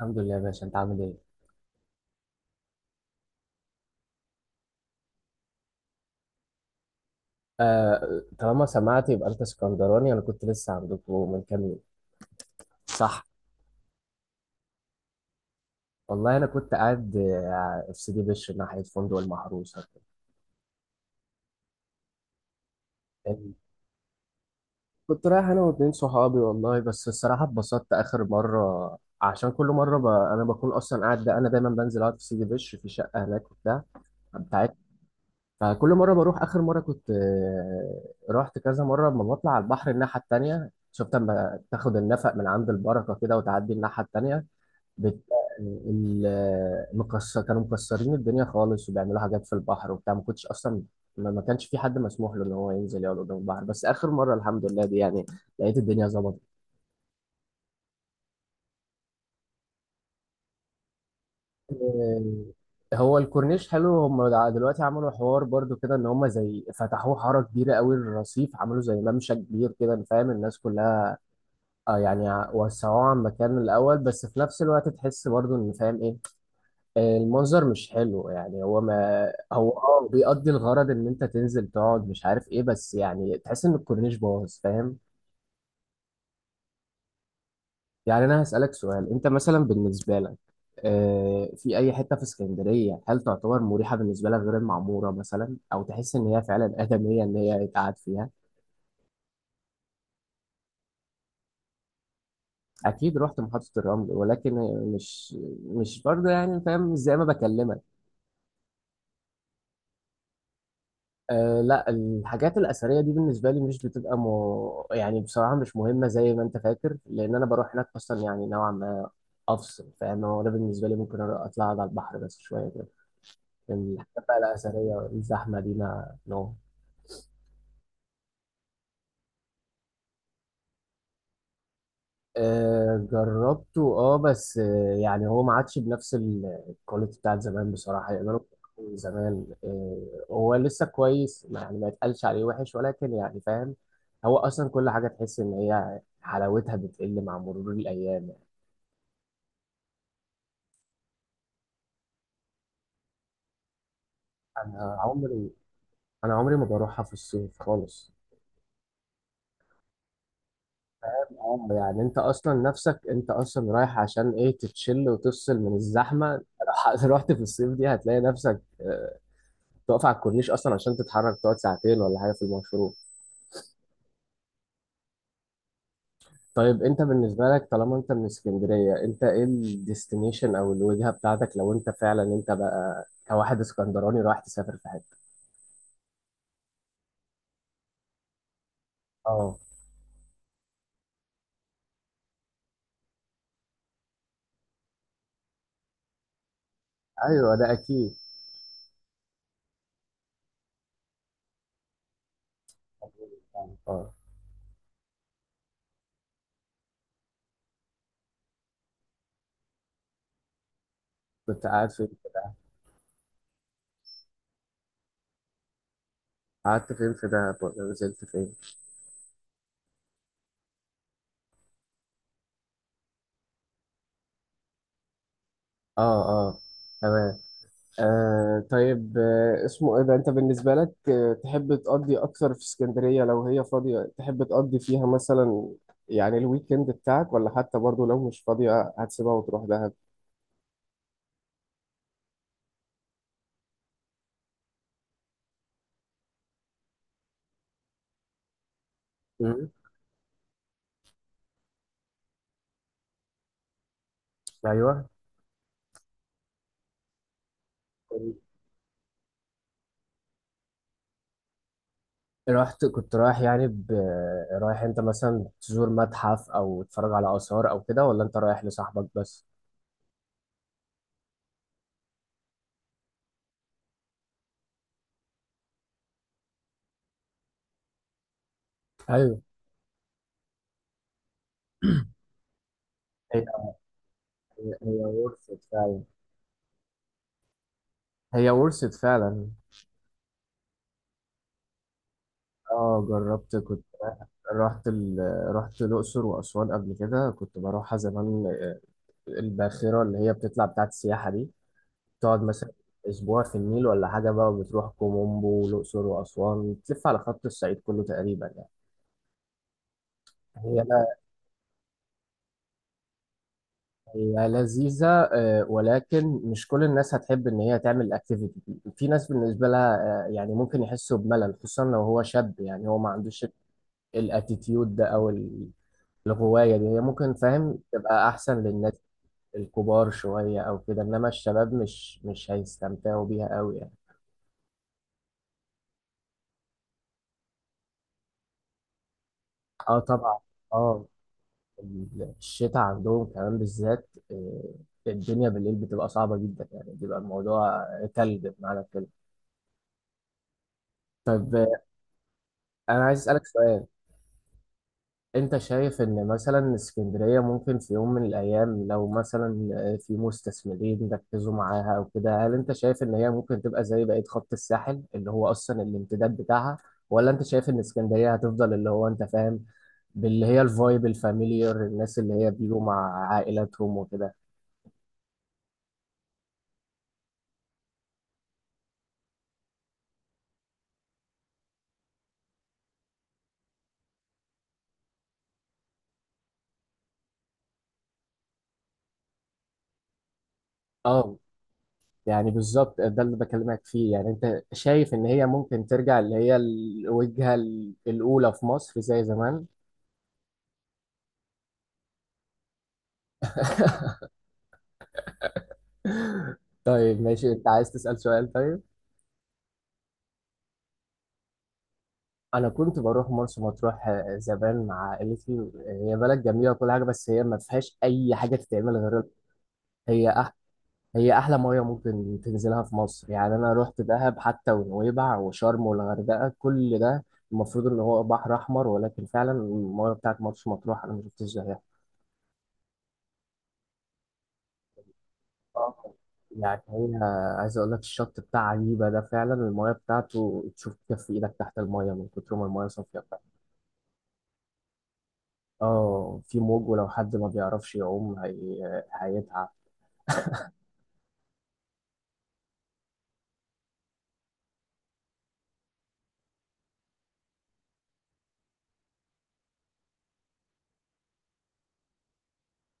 الحمد لله يا باشا، انت عامل ايه؟ آه، طالما سمعت يبقى انت اسكندراني، انا كنت لسه عندكم من كام يوم، صح؟ والله انا كنت قاعد في سيدي بشر ناحيه فندق المحروسه كده. يعني، كنت رايح انا واتنين صحابي والله، بس الصراحه اتبسطت اخر مره، عشان كل مره انا بكون اصلا قاعد، انا دايما بنزل اقعد في سيدي بشر في شقه هناك بتاعتي. فكل مره بروح، اخر مره كنت آه، رحت كذا مره، لما بطلع على البحر الناحيه التانيه شفت، لما تاخد النفق من عند البركه كده وتعدي الناحيه التانيه بتلاقي ال- المكسر، كانوا مكسرين الدنيا خالص وبيعملوا حاجات في البحر وبتاع، ما كنتش اصلا، ما كانش في حد مسموح له ان هو ينزل يقعد قدام البحر، بس اخر مره الحمد لله دي يعني لقيت الدنيا ظبطت. آه، هو الكورنيش حلو، هم دلوقتي عملوا حوار برضو كده، ان هم زي فتحوه حاره كبيره قوي للرصيف، عملوا زي ممشى كبير كده، فاهم؟ الناس كلها يعني وسعوه عن مكان الاول، بس في نفس الوقت تحس برضو ان، فاهم ايه، المنظر مش حلو. يعني هو ما هو بيقضي الغرض ان انت تنزل تقعد، مش عارف ايه، بس يعني تحس ان الكورنيش باظ، فاهم؟ يعني انا هسألك سؤال، انت مثلا بالنسبة لك في اي حتة في اسكندرية هل تعتبر مريحة بالنسبة لك غير المعمورة مثلا، او تحس ان هي فعلا آدمية ان هي يتقعد فيها؟ اكيد رحت محطة الرمل، ولكن مش مش برضه، يعني فاهم مش زي ما بكلمك. أه لا، الحاجات الأثرية دي بالنسبة لي مش بتبقى يعني بصراحة مش مهمة زي ما أنت فاكر، لأن أنا بروح هناك أصلا يعني نوعا ما أفصل، فاهم؟ هو ده بالنسبة لي، ممكن أروح أطلع أقعد على البحر بس شوية كده، لكن الحاجات بقى الأثرية الزحمة دي ما نو... آه، جربته، بس يعني هو ما عادش بنفس الكواليتي بتاعت زمان بصراحة. يقدروا يكونوا زمان، هو لسه كويس، يعني ما يتقالش عليه وحش، ولكن يعني فاهم، هو أصلا كل حاجة تحس إن هي حلاوتها بتقل مع مرور الأيام. أنا عمري أنا عمري ما بروحها في الصيف خالص. آه، يعني أنت أصلا نفسك، أنت أصلا رايح عشان إيه؟ تتشل وتفصل من الزحمة لو رحت في الصيف دي هتلاقي نفسك تقف على الكورنيش اصلا عشان تتحرك، تقعد ساعتين ولا حاجه في المشروع. طيب، انت بالنسبه لك، طالما انت من اسكندريه، انت ايه الديستنيشن او الوجهه بتاعتك لو انت فعلا انت بقى كواحد اسكندراني رايح تسافر في حته؟ اه. ايوه، ده اكيد. اه، كنت قاعد فين؟ قعدت فين في دهب ولا نزلت فين؟ اه، اه، تمام. آه، طيب. اسمه ايه ده؟ انت بالنسبة لك تحب تقضي اكتر في اسكندرية لو هي فاضية، تحب تقضي فيها مثلا يعني الويكند بتاعك، ولا حتى برضو لو مش فاضية هتسيبها وتروح دهب؟ مم. ايوه. رحت كنت رايح يعني ب... رايح انت مثلا تزور متحف او تتفرج على اثار او كده، ولا انت رايح لصاحبك بس؟ ايوه. هي هي ورثة فعلا. هي ورثت فعلا. اه جربت. رحت ال... رحت الأقصر وأسوان قبل كده، كنت بروحها زمان. الباخرة اللي هي بتطلع بتاعت السياحة دي، تقعد مثلا أسبوع في النيل ولا حاجة، بقى بتروح كومومبو والأقصر وأسوان، بتلف على خط الصعيد كله تقريبا يعني. هي لا هي لذيذة، ولكن مش كل الناس هتحب إن هي تعمل الأكتيفيتي دي، في ناس بالنسبة لها يعني ممكن يحسوا بملل، خصوصا لو هو شاب يعني هو ما عندوش الاتيتيود ده الغواية دي هي ممكن، فاهم؟ تبقى أحسن للناس الكبار شوية أو كده، إنما الشباب مش هيستمتعوا بيها أوي يعني. اه طبعا. اه. الشتاء عندهم كمان بالذات، الدنيا بالليل بتبقى صعبة جدا، يعني بيبقى الموضوع تلج بمعنى الكلمة. طيب، أنا عايز أسألك سؤال. انت شايف ان مثلا اسكندرية ممكن في يوم من الايام، لو مثلا في مستثمرين ركزوا معاها او كده، هل انت شايف ان هي ممكن تبقى زي بقية خط الساحل اللي هو اصلا الامتداد بتاعها، ولا انت شايف ان اسكندرية هتفضل اللي هو انت فاهم باللي هي الفايب الفاميليار، الناس اللي هي بيجوا مع عائلاتهم وكده؟ اه، يعني بالظبط ده اللي بكلمك فيه. يعني انت شايف ان هي ممكن ترجع اللي هي الوجهة الاولى في مصر زي زمان؟ طيب ماشي، انت عايز تسأل سؤال؟ طيب. انا كنت بروح مرسى مطروح زمان مع عائلتي. هي بلد جميله وكل حاجه، بس هي ما فيهاش اي حاجه تتعمل، غير هي أح... هي احلى ميه ممكن تنزلها في مصر. يعني انا رحت دهب حتى، ونويبع وشرم والغردقه، كل ده المفروض ان هو بحر احمر، ولكن فعلا الميه بتاعت مرسى مطروح انا ما شفتش زيها. آه. يعني، عايز اقول لك الشط بتاع عجيبه ده، فعلا الميه بتاعته تشوف كف ايدك تحت الميه من كتر ما الميه صافيه. اه في موج، ولو حد ما بيعرفش يعوم هيتعب.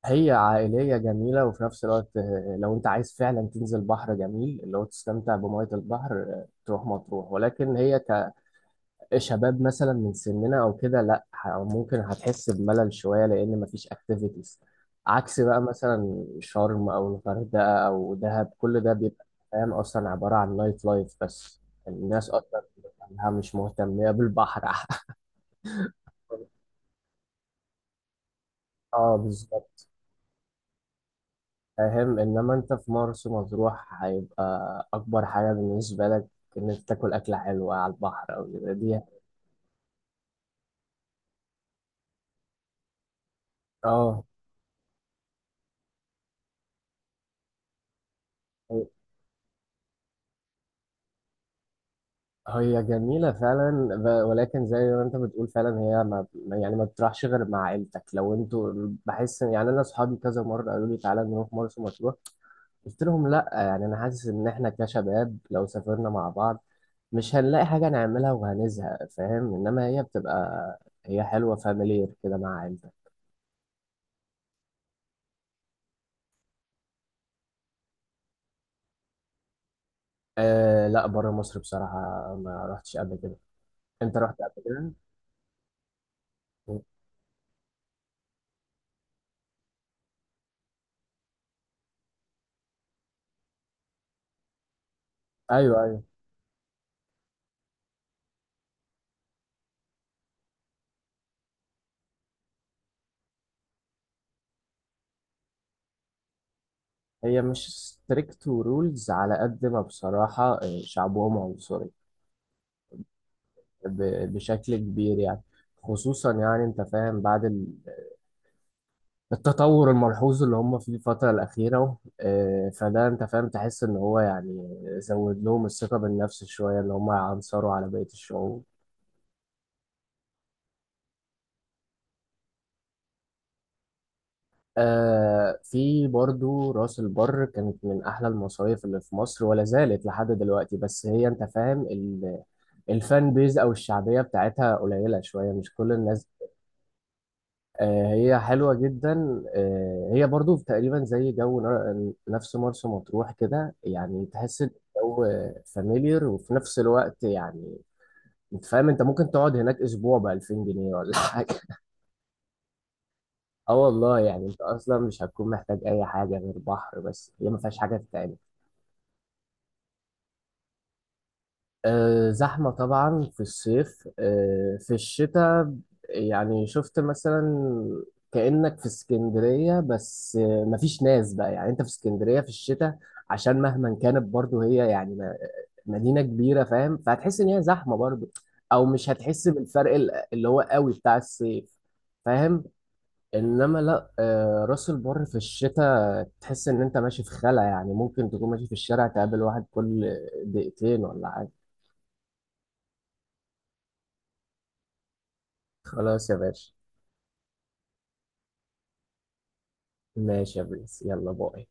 هي عائلية جميلة، وفي نفس الوقت لو انت عايز فعلا تنزل بحر جميل اللي هو تستمتع بمية البحر، تروح مطروح. ولكن هي كشباب مثلا من سننا او كده، لا ممكن هتحس بملل شوية، لان مفيش اكتيفيتيز، عكس بقى مثلا شرم او الغردقة او دهب، كل ده بيبقى فاهم اصلا عبارة عن نايت لايف بس، الناس اصلا بتبقى مش مهتمة بالبحر اه بالظبط. فاهم، انما انت في مرسى مطروح هيبقى اكبر حاجه بالنسبه لك ان انت تاكل اكله حلوه على البحر او كده دي. اه. هي جميله فعلا، ولكن زي ما انت بتقول فعلا هي يعني ما بتروحش غير مع عيلتك لو انتوا. يعني انا اصحابي كذا مره قالوا لي تعالى نروح مرسى مطروح، قلت لهم لا. يعني انا حاسس ان احنا كشباب لو سافرنا مع بعض مش هنلاقي حاجه نعملها وهنزهق، فاهم؟ انما هي حلوه فاميليير كده مع عيلتك. لا، بره مصر بصراحة ما رحتش قبل كده. انت رحت قبل كده؟ ايوه، ايوه. هي مش ستريكت ورولز على قد ما بصراحة، شعبهم عنصري بشكل كبير يعني. خصوصا يعني انت فاهم بعد التطور الملحوظ اللي هم فيه الفترة الأخيرة، فده انت فاهم تحس ان هو يعني زود لهم الثقة بالنفس شوية، اللي هم يعنصروا على بقية الشعوب. آه، في برضو راس البر، كانت من أحلى المصايف اللي في مصر ولا زالت لحد دلوقتي، بس هي أنت فاهم الفان بيز أو الشعبية بتاعتها قليلة شوية، مش كل الناس. آه، هي حلوة جدا. هي برضو تقريبا زي جو نفس مرسى مطروح كده، يعني تحس الجو فاميليار، وفي نفس الوقت يعني أنت فاهم أنت ممكن تقعد هناك أسبوع بألفين جنيه ولا حاجة. اه والله، يعني انت اصلا مش هتكون محتاج اي حاجه غير بحر، بس هي ما فيهاش حاجه تتعمل. أه، زحمه طبعا في الصيف. في الشتاء يعني شفت مثلا، كانك في اسكندريه، بس مفيش ناس بقى. يعني انت في اسكندريه في الشتاء عشان مهما كانت برضو هي يعني مدينه كبيره، فاهم؟ فهتحس ان هي زحمه برضو، او مش هتحس بالفرق اللي هو قوي بتاع الصيف، فاهم؟ انما لا، راس البر في الشتاء تحس ان انت ماشي في خلا، يعني ممكن تكون ماشي في الشارع تقابل واحد كل دقيقتين ولا حاجة. خلاص يا باشا. ماشي يا برنس، يلا باي.